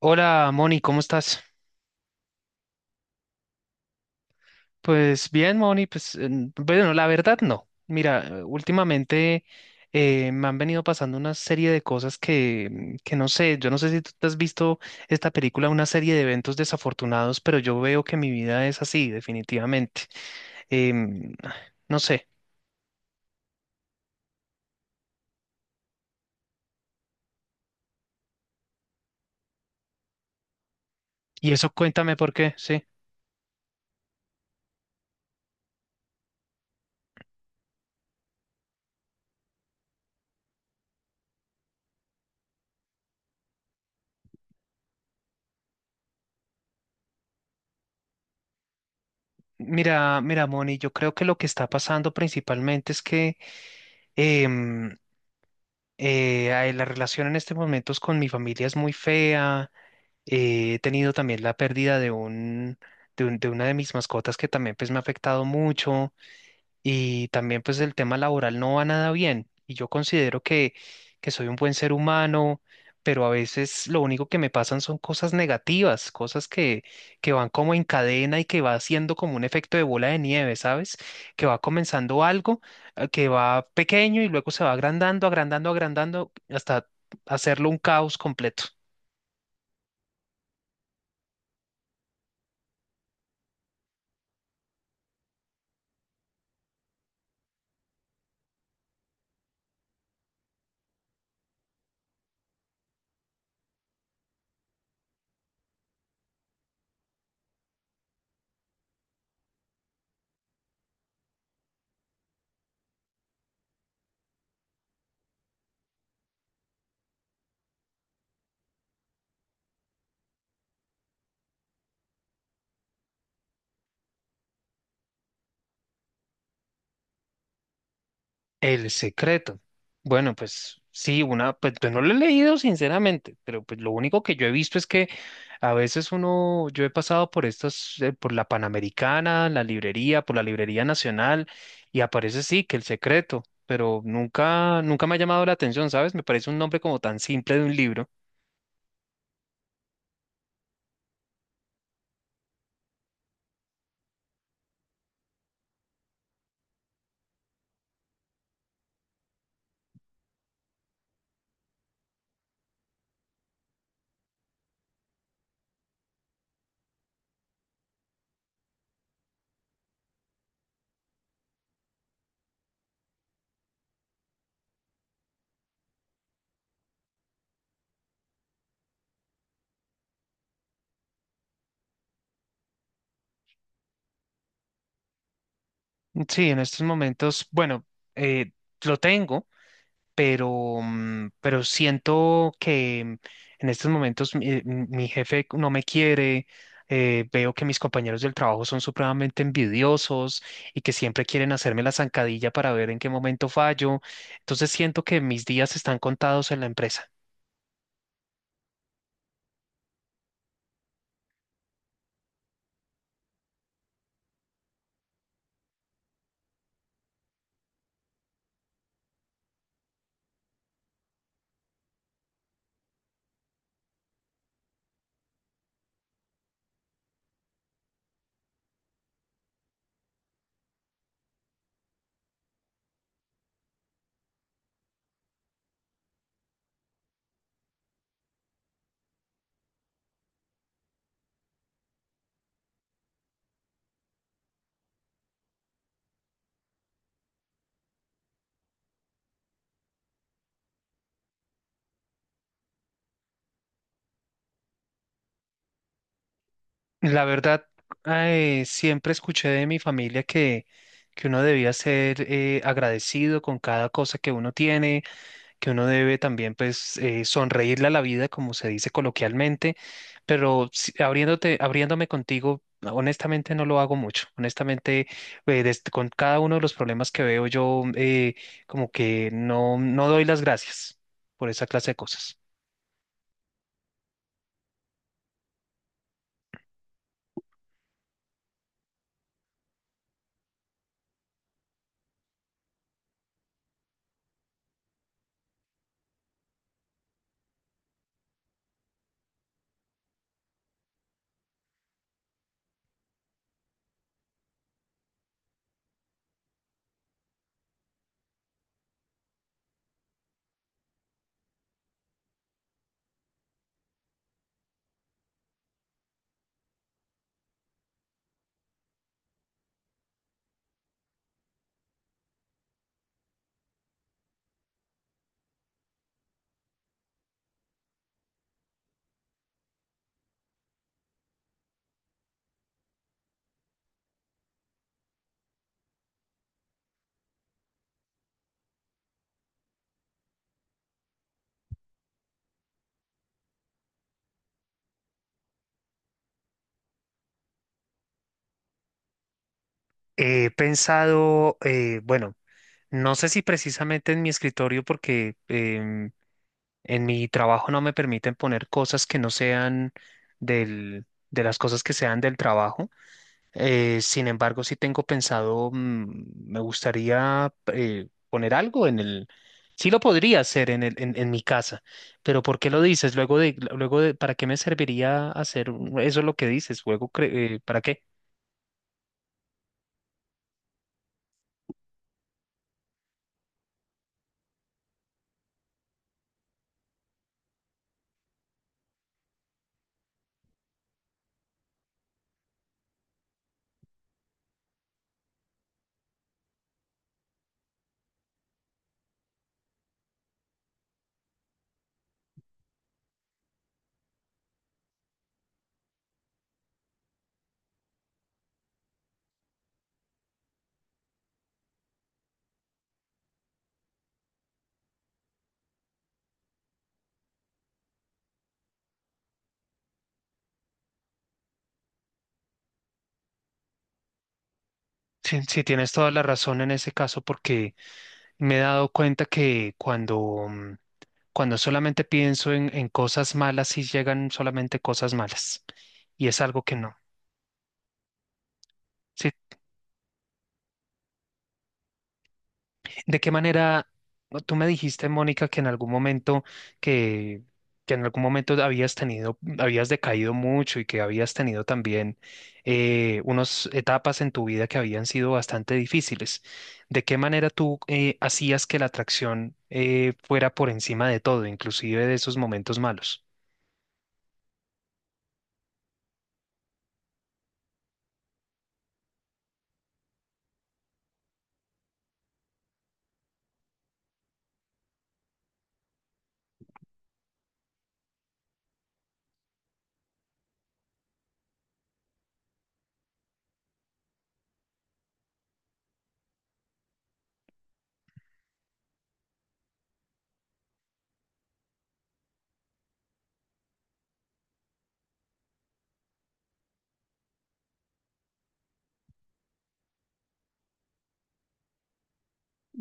Hola, Moni, ¿cómo estás? Pues bien, Moni, pues la verdad no. Mira, últimamente me han venido pasando una serie de cosas que, que no sé, yo no sé si tú te has visto esta película, una serie de eventos desafortunados, pero yo veo que mi vida es así, definitivamente. Em, no sé. Y eso cuéntame por qué, sí. Mira, Moni, yo creo que lo que está pasando principalmente es que em, ay, la relación en este momento es con mi familia es muy fea. He tenido también la pérdida de un, de una de mis mascotas que también pues me ha afectado mucho, y también pues el tema laboral no va nada bien y yo considero que soy un buen ser humano, pero a veces lo único que me pasan son cosas negativas, cosas que van como en cadena y que va haciendo como un efecto de bola de nieve, ¿sabes? Que va comenzando algo que va pequeño y luego se va agrandando, agrandando, agrandando hasta hacerlo un caos completo. El secreto. Bueno, pues sí, una, pues yo no lo he leído sinceramente, pero pues lo único que yo he visto es que a veces uno, yo he pasado por estas, por la Panamericana, la librería, por la Librería Nacional, y aparece sí que el secreto, pero nunca me ha llamado la atención, ¿sabes? Me parece un nombre como tan simple de un libro. Sí, en estos momentos, bueno, eh, lo tengo. Pero, pero siento que en estos momentos mi, mi jefe no me quiere, veo que mis compañeros del trabajo son supremamente envidiosos y que siempre quieren hacerme la zancadilla para ver en qué momento fallo, entonces siento que mis días están contados en la empresa. La verdad, siempre escuché de mi familia que uno debía ser agradecido con cada cosa que uno tiene, que uno debe también pues sonreírle a la vida, como se dice coloquialmente, pero abriéndote, abriéndome contigo, honestamente no lo hago mucho. Honestamente, con cada uno de los problemas que veo yo, como que no, no doy las gracias por esa clase de cosas. He pensado, bueno, no sé si precisamente en mi escritorio, porque en mi trabajo no me permiten poner cosas que no sean del, de las cosas que sean del trabajo. Sin embargo, sí tengo pensado, me gustaría poner algo en el... Sí lo podría hacer en el, en mi casa, pero ¿por qué lo dices? Luego de, ¿para qué me serviría eso es lo que dices? Luego, ¿para qué? Sí, tienes toda la razón en ese caso, porque me he dado cuenta que cuando, cuando solamente pienso en cosas malas, sí llegan solamente cosas malas, y es algo que no. ¿De qué manera tú me dijiste, Mónica, que en algún momento que, que en algún momento habías tenido, habías decaído mucho y que habías tenido también unas etapas en tu vida que habían sido bastante difíciles? ¿De qué manera tú hacías que la atracción fuera por encima de todo, inclusive de esos momentos malos?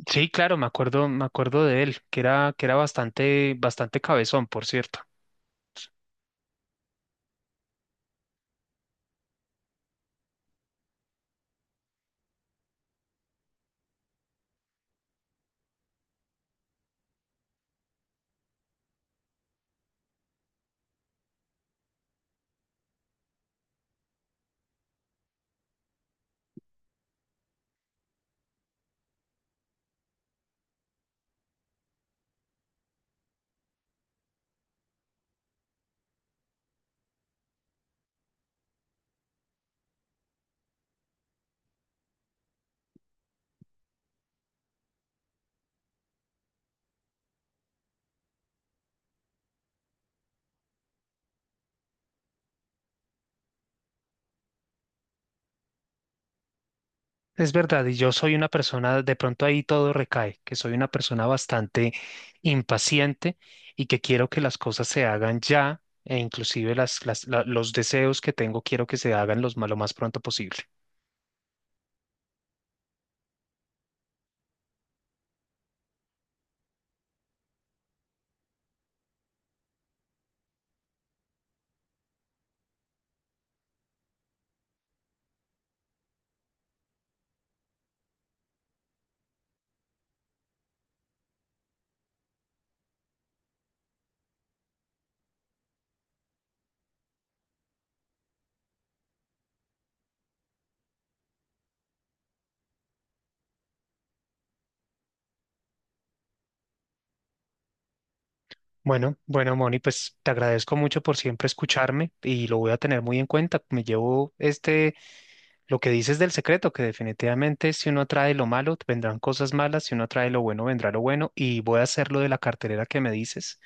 Sí, claro, me acuerdo de él, que era bastante, bastante cabezón, por cierto. Es verdad, y yo soy una persona, de pronto ahí todo recae, que soy una persona bastante impaciente y que quiero que las cosas se hagan ya, e inclusive las, los deseos que tengo quiero que se hagan los, lo más pronto posible. Bueno, bueno, Moni, pues te agradezco mucho por siempre escucharme y lo voy a tener muy en cuenta. Me llevo este, lo que dices del secreto, que definitivamente si uno trae lo malo, vendrán cosas malas, si uno trae lo bueno, vendrá lo bueno, y voy a hacer lo de la cartelera que me dices.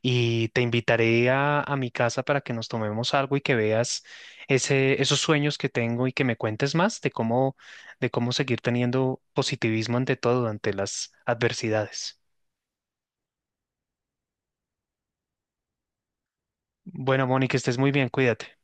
Y te invitaré a mi casa para que nos tomemos algo y que veas ese, esos sueños que tengo y que me cuentes más de cómo seguir teniendo positivismo ante todo, ante las adversidades. Bueno, Mónica, estés muy bien, cuídate.